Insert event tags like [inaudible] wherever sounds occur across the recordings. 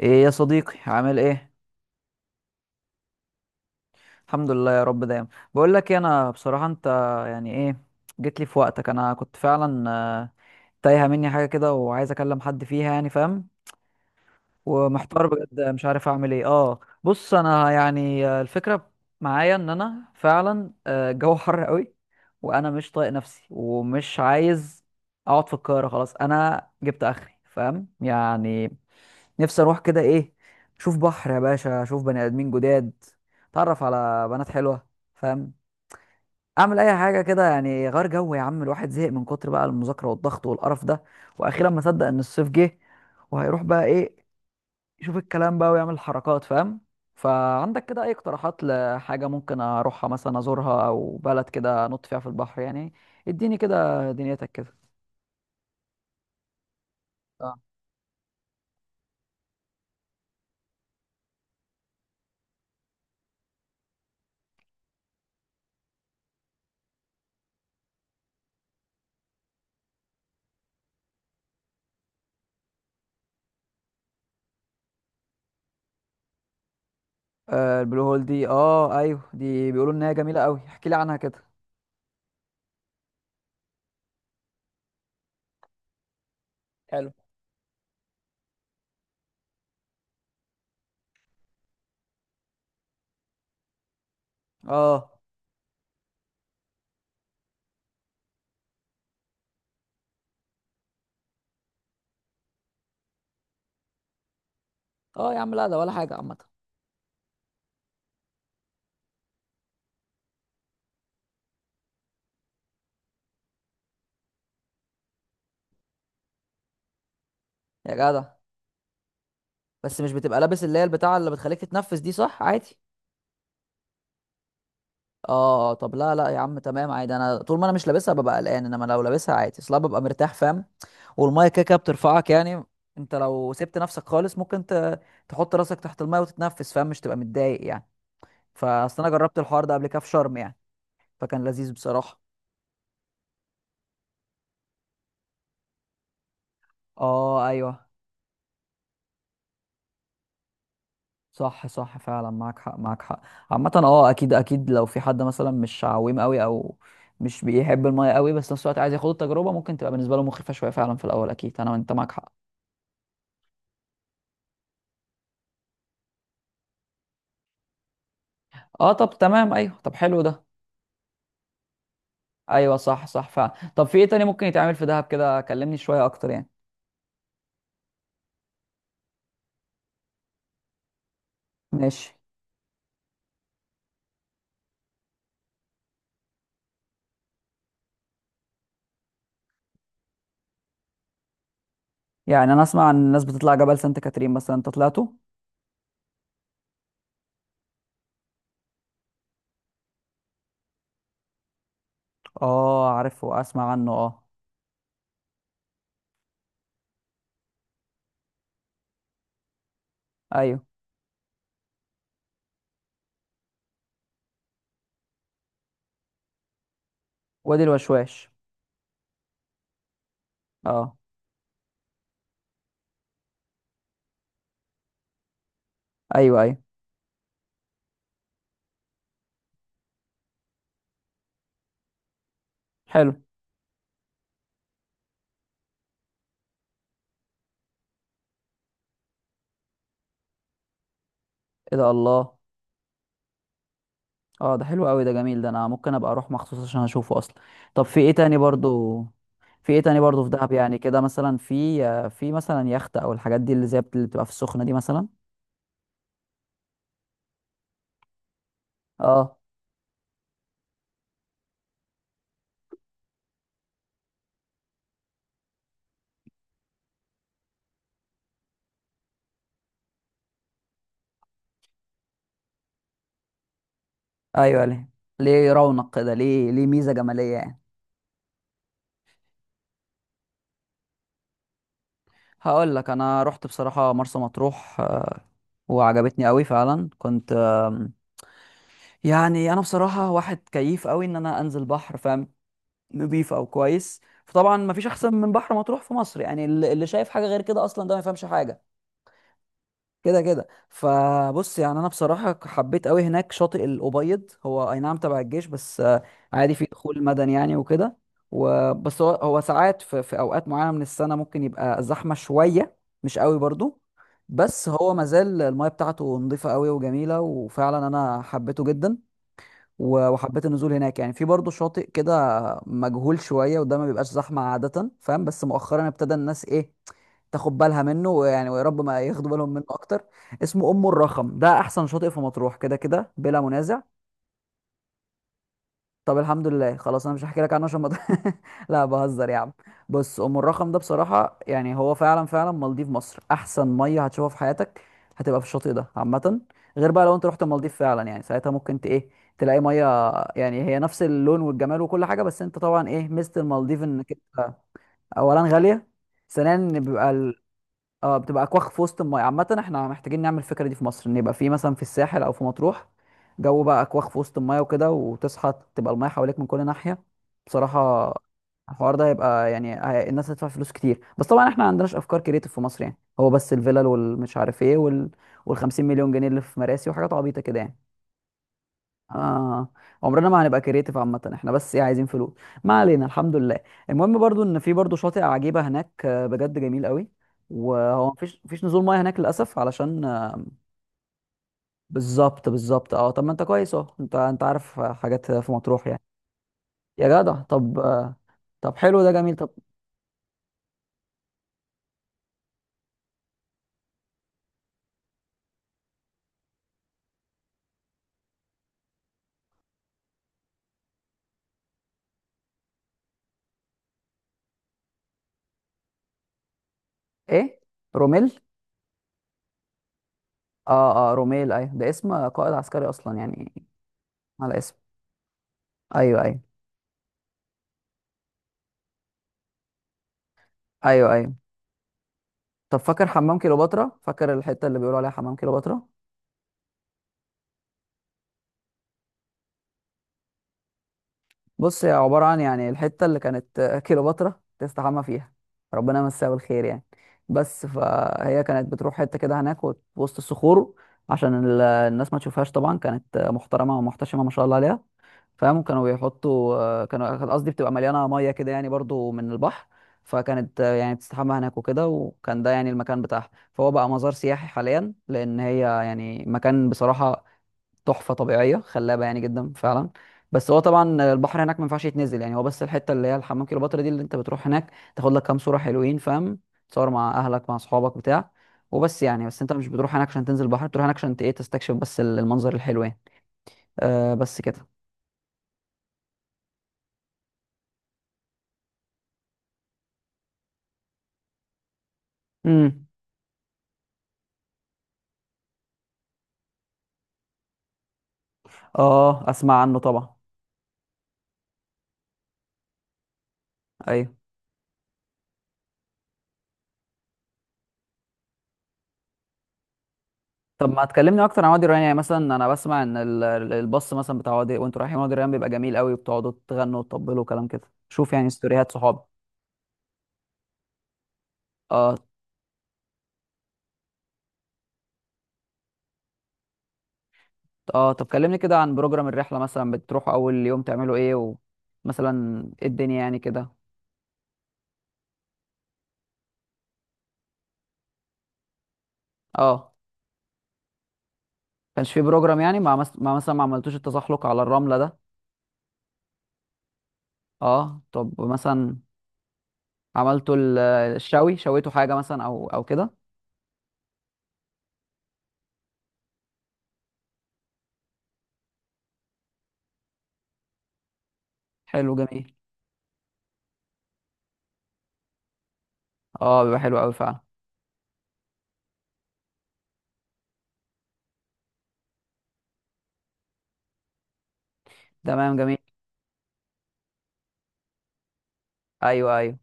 ايه يا صديقي، عامل ايه؟ الحمد لله يا رب دايما. بقول لك إيه، انا بصراحه انت يعني ايه. جيت لي في وقتك، انا كنت فعلا تايهه مني حاجه كده وعايز اكلم حد فيها، يعني فاهم. ومحتار بجد، مش عارف اعمل ايه. اه بص انا يعني الفكره معايا ان انا فعلا الجو حر قوي، وانا مش طايق نفسي ومش عايز اقعد في القاهره. خلاص انا جبت اخري فاهم يعني. نفسي اروح كده ايه، اشوف بحر يا باشا، اشوف بني ادمين جداد، اتعرف على بنات حلوه، فاهم. اعمل اي حاجه كده يعني غير جو. يا عم الواحد زهق من كتر بقى المذاكره والضغط والقرف ده، واخيرا ما صدق ان الصيف جه، وهيروح بقى ايه، يشوف الكلام بقى ويعمل حركات فاهم. فعندك كده اي اقتراحات لحاجه ممكن اروحها مثلا، ازورها، او بلد كده انط فيها في البحر يعني؟ اديني كده دنيتك كده. اه، آه البلو هول دي، اه ايوه دي بيقولوا انها جميله قوي، احكي لي عنها كده. اه اه يا عم، لا ده ولا حاجه عامه. يا جدع، بس مش بتبقى لابس اللي هي البتاعه اللي بتخليك تتنفس دي، صح؟ عادي. اه طب لا لا يا عم، تمام عادي. انا طول ما انا مش لابسها ببقى قلقان، انما لو لابسها عادي اصلا ببقى مرتاح فاهم. والميه كده كده بترفعك يعني. انت لو سبت نفسك خالص ممكن تحط راسك تحت الميه وتتنفس فاهم، مش تبقى متضايق يعني. فاصل، انا جربت الحوار ده قبل كده في شرم يعني، فكان لذيذ بصراحه. اه ايوه، صح صح فعلا، معاك حق معاك حق. عامة اكيد اكيد، لو في حد مثلا مش عويم قوي او مش بيحب المية قوي، بس في نفس الوقت عايز ياخد التجربة، ممكن تبقى بالنسبة له مخيفة شوية فعلا في الاول اكيد. انت معاك حق. اه طب تمام ايوه، طب حلو ده. ايوه صح صح فعلا. طب في ايه تاني ممكن يتعمل في دهب كده؟ كلمني شوية اكتر يعني. ماشي. يعني انا اسمع عن الناس بتطلع جبل سانت كاترين مثلا، انت طلعته؟ اه عارفه، اسمع عنه اه. ايوه وادي الوشواش. اه ايوه ايوه. حلو. ايه ده، الله. اه ده حلو قوي، ده جميل، ده انا ممكن ابقى اروح مخصوص عشان اشوفه اصلا. طب في ايه تاني برضو؟ في ايه تاني برضو في دهب يعني، كده مثلا في في مثلا يخت او الحاجات دي اللي زي اللي بتبقى في السخنة دي مثلا؟ اه ايوه. ليه؟ ليه رونق كده، ليه ميزة جمالية يعني. هقول لك، انا رحت بصراحة مرسى مطروح وعجبتني قوي فعلا. كنت يعني انا بصراحة واحد كيف قوي ان انا انزل بحر فاهم، نضيف او كويس. فطبعا مفيش احسن من بحر مطروح في مصر يعني، اللي شايف حاجة غير كده اصلا ده ما يفهمش حاجة. كده كده فبص، يعني انا بصراحه حبيت قوي هناك شاطئ الابيض. هو اي نعم تبع الجيش، بس عادي في دخول مدني يعني وكده. وبس هو ساعات في اوقات معينه من السنه ممكن يبقى زحمه شويه، مش قوي برضو. بس هو مازال المايه بتاعته نظيفه قوي وجميله، وفعلا انا حبيته جدا. وحبيت النزول هناك يعني. في برضه شاطئ كده مجهول شويه وده ما بيبقاش زحمه عاده فاهم، بس مؤخرا ابتدى الناس ايه، تاخد بالها منه، ويعني ويا رب ما ياخدوا بالهم منه اكتر. اسمه ام الرخم، ده احسن شاطئ في مطروح كده كده بلا منازع. طب الحمد لله، خلاص انا مش هحكي لك عنه عشان ما [laughs] لا بهزر يا عم. بص ام الرخم ده بصراحه يعني، هو فعلا فعلا مالديف مصر، احسن ميه هتشوفها في حياتك هتبقى في الشاطئ ده عامه. غير بقى لو انت رحت المالديف فعلا، يعني ساعتها ممكن ت ايه، تلاقي ميه يعني هي نفس اللون والجمال وكل حاجه. بس انت طبعا ايه ميزه المالديف، انك انت اولا غاليه، ثانيا إن بيبقى، اه بتبقى اكواخ في وسط المايه. عامه احنا محتاجين نعمل الفكره دي في مصر، ان يبقى في مثلا في الساحل او في مطروح جو بقى اكواخ في وسط المايه وكده، وتصحى تبقى المايه حواليك من كل ناحيه. بصراحه الحوار ده هيبقى يعني الناس هتدفع فلوس كتير. بس طبعا احنا ما عندناش افكار كريتيف في مصر، يعني هو بس الفيلل والمش عارف ايه وال 50 مليون جنيه اللي في مراسي وحاجات عبيطه كده يعني. آه عمرنا ما هنبقى كريتيف. عامة احنا بس ايه، عايزين فلوس. ما علينا الحمد لله. المهم برضو ان في برضو شاطئ عجيبة هناك بجد جميل قوي، وهو مفيش نزول ميه هناك للاسف علشان بالظبط بالظبط. اه طب ما انت كويس اهو، انت عارف حاجات في مطروح يعني. يا جدع طب طب حلو ده جميل. طب ايه، روميل؟ اه اه روميل، ايوه ده اسم قائد عسكري اصلا يعني، على اسم. ايوه ايوه ايوه ايوه. طب فاكر حمام كيلوباترا؟ فاكر الحتة اللي بيقولوا عليها حمام كيلوباترا؟ بص هي عبارة عن، يعني الحتة اللي كانت كليوباترا تستحمى فيها، ربنا يمسها بالخير يعني. بس فهي كانت بتروح حتة كده هناك وسط الصخور عشان الناس ما تشوفهاش. طبعا كانت محترمة ومحتشمة ما شاء الله عليها فاهم. كانوا بيحطوا آه، كانوا قصدي بتبقى مليانة مية كده يعني برضو من البحر. فكانت يعني بتستحمى هناك وكده، وكان ده يعني المكان بتاعها، فهو بقى مزار سياحي حاليا، لأن هي يعني مكان بصراحة تحفه طبيعيه خلابه يعني، جدا فعلا. بس هو طبعا البحر هناك ما ينفعش يتنزل يعني، هو بس الحته اللي هي الحمام كليوباترا دي اللي انت بتروح هناك تاخد لك كام صوره حلوين فاهم، تصور مع اهلك مع اصحابك بتاع. وبس يعني، بس انت مش بتروح هناك عشان تنزل البحر، بتروح هناك عشان ايه تستكشف بس المنظر الحلو يعني. آه بس كده. امم اه اسمع عنه طبعا. ايوه طب ما تكلمني اكتر عن وادي الريان يعني. مثلا انا بسمع ان الباص مثلا بتاع وادي وانتوا رايحين وادي الريان بيبقى جميل قوي، وبتقعدوا تغنوا وتطبلوا وكلام كده، شوف يعني ستوريات صحابي. اه اه. طب كلمني كده عن بروجرام الرحلة، مثلا بتروحوا أول يوم تعملوا ايه، ومثلا ايه الدنيا يعني كده. اه كانش في بروجرام يعني، مع مثلا ما عملتوش التزحلق على الرملة ده؟ اه طب مثلا، عملتوا الشوي، شويتوا حاجة مثلا أو كده؟ حلو جميل. اه بيبقى حلو أوي فعلا. تمام جميل. أيوه أيوه،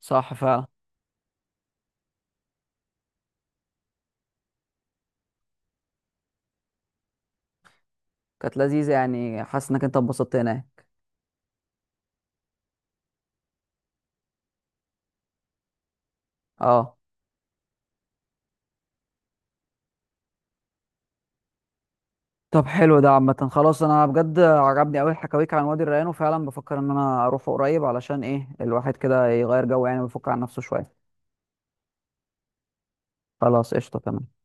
صح فعلا. كانت لذيذة، يعني حاسس إنك أنت اتبسطت هناك. اه طب حلو ده. عامة خلاص، انا بجد عجبني قوي حكاويك عن وادي الريان، وفعلا بفكر ان انا اروح قريب علشان ايه، الواحد كده يغير جو يعني ويفك عن نفسه شوية. خلاص قشطة تمام.